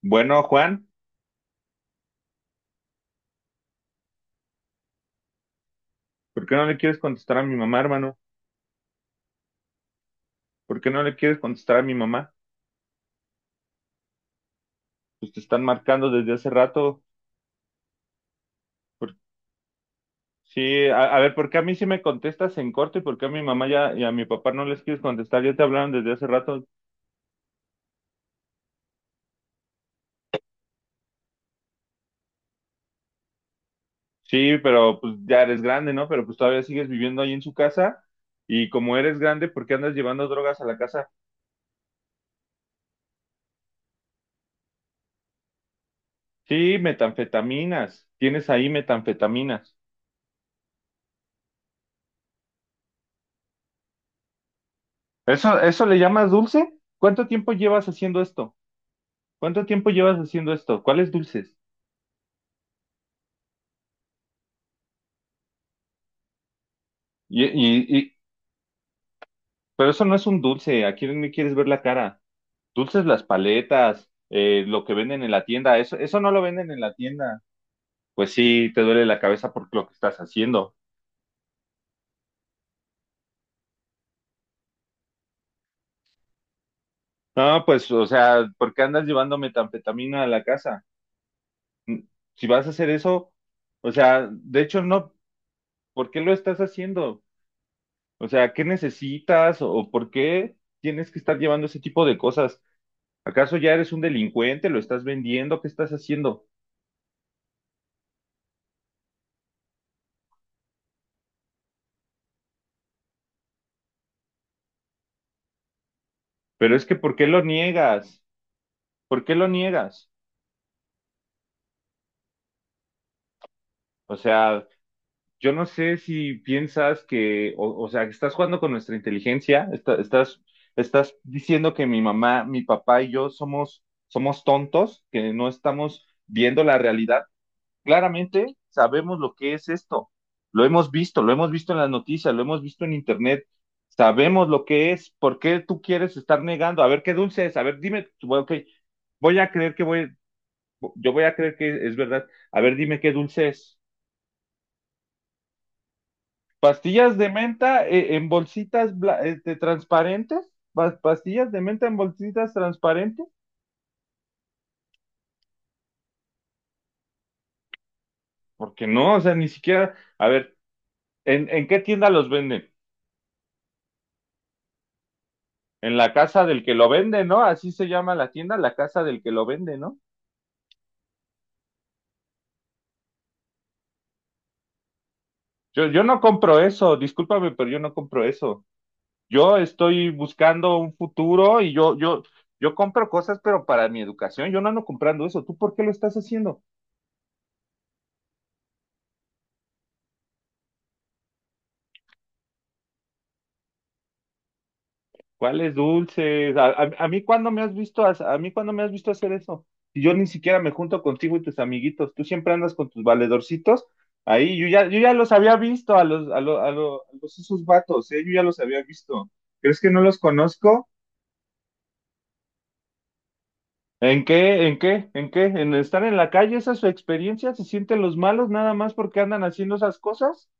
Bueno, Juan, ¿por qué no le quieres contestar a mi mamá, hermano? ¿Por qué no le quieres contestar a mi mamá? Pues te están marcando desde hace rato. Por- Sí, a ver, ¿por qué a mí sí me contestas en corto y por qué a mi mamá ya y a mi papá no les quieres contestar? Ya te hablaron desde hace rato. Sí, pero pues ya eres grande, ¿no? Pero pues todavía sigues viviendo ahí en su casa y como eres grande, ¿por qué andas llevando drogas a la casa? Sí, metanfetaminas. Tienes ahí metanfetaminas. ¿Eso, eso le llamas dulce? ¿Cuánto tiempo llevas haciendo esto? ¿Cuánto tiempo llevas haciendo esto? ¿Cuáles dulces? Y, y, y- pero eso no es un dulce. ¿A quién le quieres ver la cara? Dulces, las paletas, lo que venden en la tienda. Eso no lo venden en la tienda. Pues sí, te duele la cabeza por lo que estás haciendo. No, pues, o sea, ¿por qué andas llevando metanfetamina a la casa? Mm, Si vas a hacer eso, o sea, de hecho no. ¿Por qué lo estás haciendo? O sea, ¿qué necesitas o por qué tienes que estar llevando ese tipo de cosas? ¿Acaso ya eres un delincuente? ¿Lo estás vendiendo? ¿Qué estás haciendo? Pero es que, ¿por qué lo niegas? ¿Por qué lo niegas? O sea, yo no sé si piensas que, o sea, que estás jugando con nuestra inteligencia, estás, estás diciendo que mi mamá, mi papá y yo somos, somos tontos, que no estamos viendo la realidad. Claramente sabemos lo que es esto. Lo hemos visto en las noticias, lo hemos visto en internet. Sabemos lo que es. ¿Por qué tú quieres estar negando? A ver qué dulce es. A ver, dime, bueno, ok, voy a creer que voy, yo voy a creer que es verdad. A ver, dime qué dulce es. Pastillas de menta, en bolsitas transparentes. Pastillas de menta en bolsitas transparentes. Porque no, o sea, ni siquiera. A ver, en qué tienda los venden? En la casa del que lo vende, ¿no? Así se llama la tienda, la casa del que lo vende, ¿no? Yo no compro eso, discúlpame, pero yo no compro eso. Yo estoy buscando un futuro y yo compro cosas, pero para mi educación, yo no ando comprando eso. ¿Tú por qué lo estás haciendo? ¿Cuáles dulces? A mí cuándo me has visto ha- A mí, ¿cuándo me has visto hacer eso? Si yo ni siquiera me junto contigo y tus amiguitos, tú siempre andas con tus valedorcitos. Ahí yo ya los había visto a los a lo- a lo- a los esos vatos, ¿eh? Yo ya los había visto. ¿Crees que no los conozco? ¿En qué? ¿En qué? ¿En qué? ¿En estar en la calle? ¿Esa es su experiencia? ¿Se sienten los malos nada más porque andan haciendo esas cosas?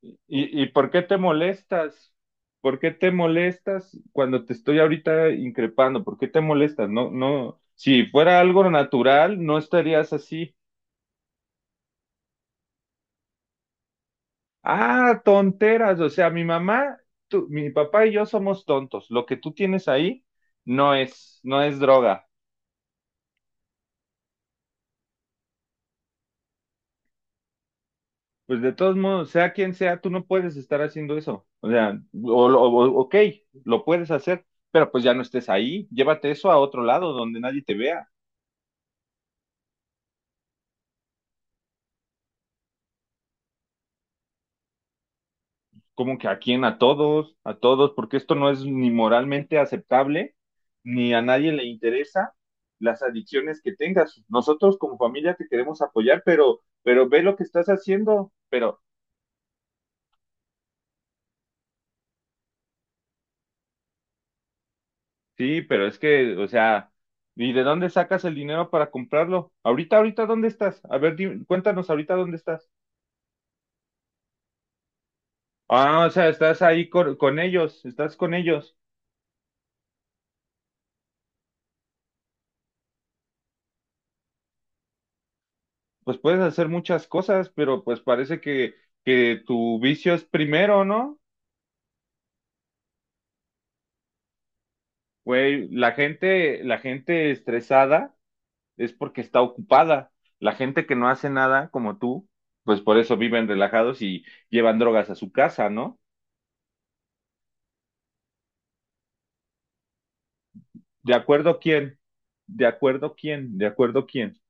¿Y, y por qué te molestas? ¿Por qué te molestas cuando te estoy ahorita increpando? ¿Por qué te molestas? No, no, si fuera algo natural, no estarías así. Ah, tonteras, o sea, mi mamá, mi papá y yo somos tontos. Lo que tú tienes ahí no es, no es droga. Pues de todos modos, sea quien sea, tú no puedes estar haciendo eso. O sea, o, ok, lo puedes hacer, pero pues ya no estés ahí. Llévate eso a otro lado donde nadie te vea. Como que a quién, a todos, porque esto no es ni moralmente aceptable, ni a nadie le interesa las adicciones que tengas. Nosotros como familia te queremos apoyar, pero ve lo que estás haciendo, pero sí, pero es que, o sea, ¿y de dónde sacas el dinero para comprarlo? Ahorita, ahorita, ¿dónde estás? A ver, cuéntanos ahorita dónde estás. Ah, o sea, estás ahí con ellos, estás con ellos. Pues puedes hacer muchas cosas, pero pues parece que tu vicio es primero, ¿no? Güey, la gente estresada es porque está ocupada. La gente que no hace nada, como tú, pues por eso viven relajados y llevan drogas a su casa, ¿no? ¿De acuerdo quién? ¿De acuerdo quién? ¿De acuerdo quién?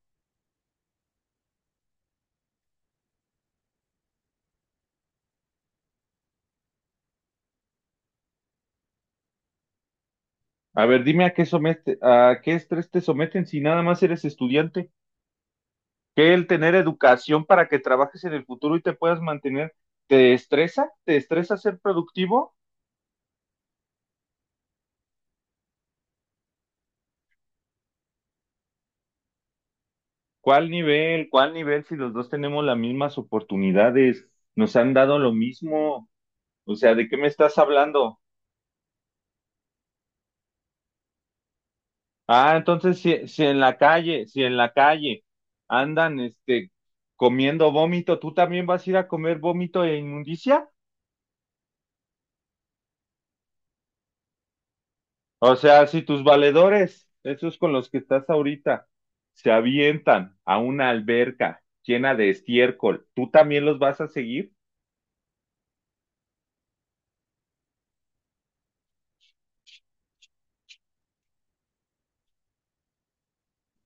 A ver, dime a qué somete, a qué estrés te someten si nada más eres estudiante. ¿Que el tener educación para que trabajes en el futuro y te puedas mantener? ¿Te estresa? ¿Te estresa ser productivo? ¿Cuál nivel? ¿Cuál nivel si los dos tenemos las mismas oportunidades? Nos han dado lo mismo. O sea, ¿de qué me estás hablando? Ah, entonces si, si en la calle, si en la calle andan comiendo vómito, ¿tú también vas a ir a comer vómito e inmundicia? O sea, si tus valedores, esos con los que estás ahorita, se avientan a una alberca llena de estiércol, ¿tú también los vas a seguir?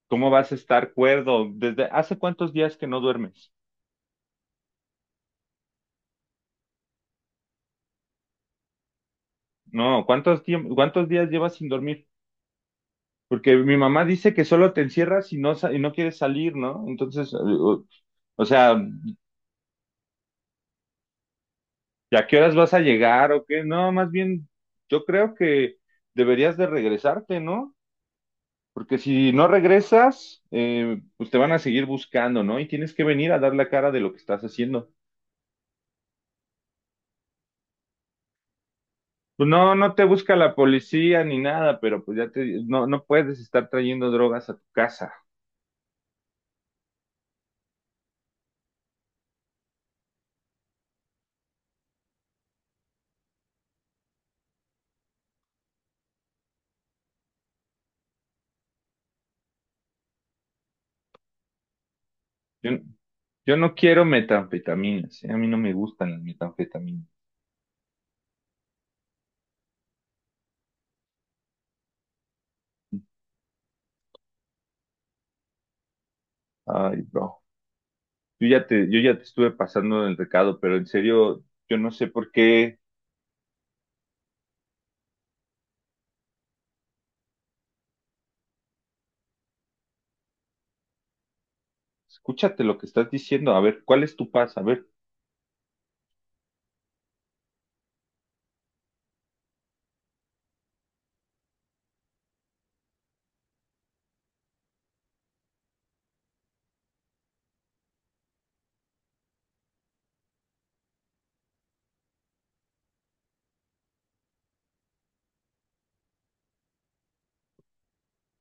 ¿Cómo vas a estar cuerdo? ¿Desde hace cuántos días que no duermes? No, ¿cuántos días llevas sin dormir? Porque mi mamá dice que solo te encierras y no, no quieres salir, ¿no? Entonces, o sea, ¿y a qué horas vas a llegar o qué? No, más bien, yo creo que deberías de regresarte, ¿no? Porque si no regresas, pues te van a seguir buscando, ¿no? Y tienes que venir a dar la cara de lo que estás haciendo. Pues no, no te busca la policía ni nada, pero pues ya te, no, no puedes estar trayendo drogas a tu casa. Yo- Yo no quiero metanfetaminas, ¿eh? A mí no me gustan las metanfetaminas. Ay, bro. Yo ya te estuve pasando el recado, pero en serio, yo no sé por qué. Escúchate lo que estás diciendo. A ver, ¿cuál es tu paz? A ver,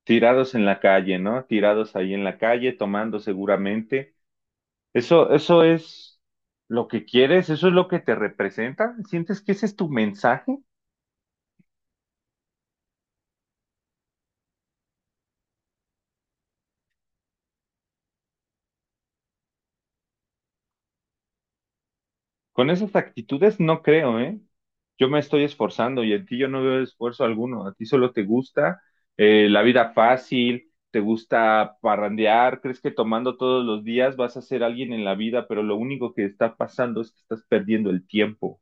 tirados en la calle, ¿no? Tirados ahí en la calle, tomando seguramente. Eso es lo que quieres, eso es lo que te representa. ¿Sientes que ese es tu mensaje? Con esas actitudes no creo, ¿eh? Yo me estoy esforzando y en ti yo no veo esfuerzo alguno. A ti solo te gusta, la vida fácil, te gusta parrandear, crees que tomando todos los días vas a ser alguien en la vida, pero lo único que está pasando es que estás perdiendo el tiempo.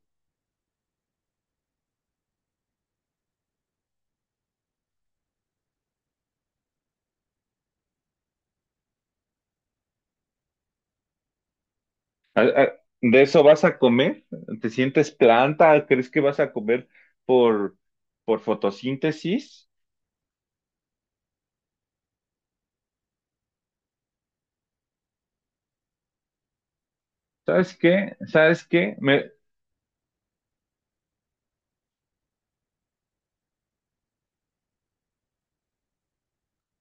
¿A- a- ¿De eso vas a comer? ¿Te sientes planta? ¿Crees que vas a comer por, por fotosíntesis? ¿Sabes qué? ¿Sabes qué?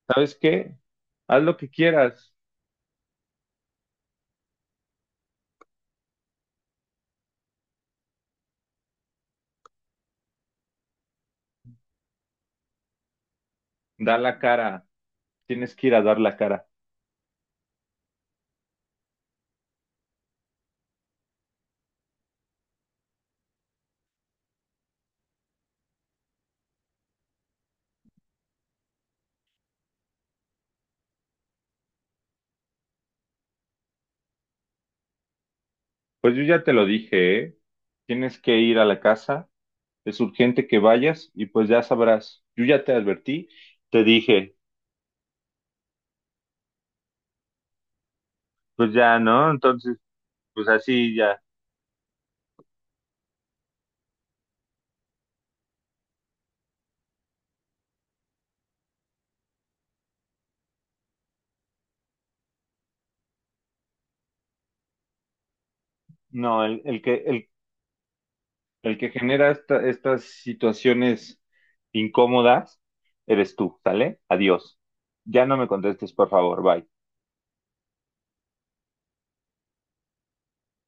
¿Sabes qué? Haz lo que quieras, da la cara. Tienes que ir a dar la cara. Pues yo ya te lo dije, ¿eh? Tienes que ir a la casa, es urgente que vayas y pues ya sabrás. Yo ya te advertí, te dije, pues ya, ¿no? Entonces, pues así ya. No, el que genera estas situaciones incómodas eres tú, ¿sale? Adiós. Ya no me contestes, por favor, bye.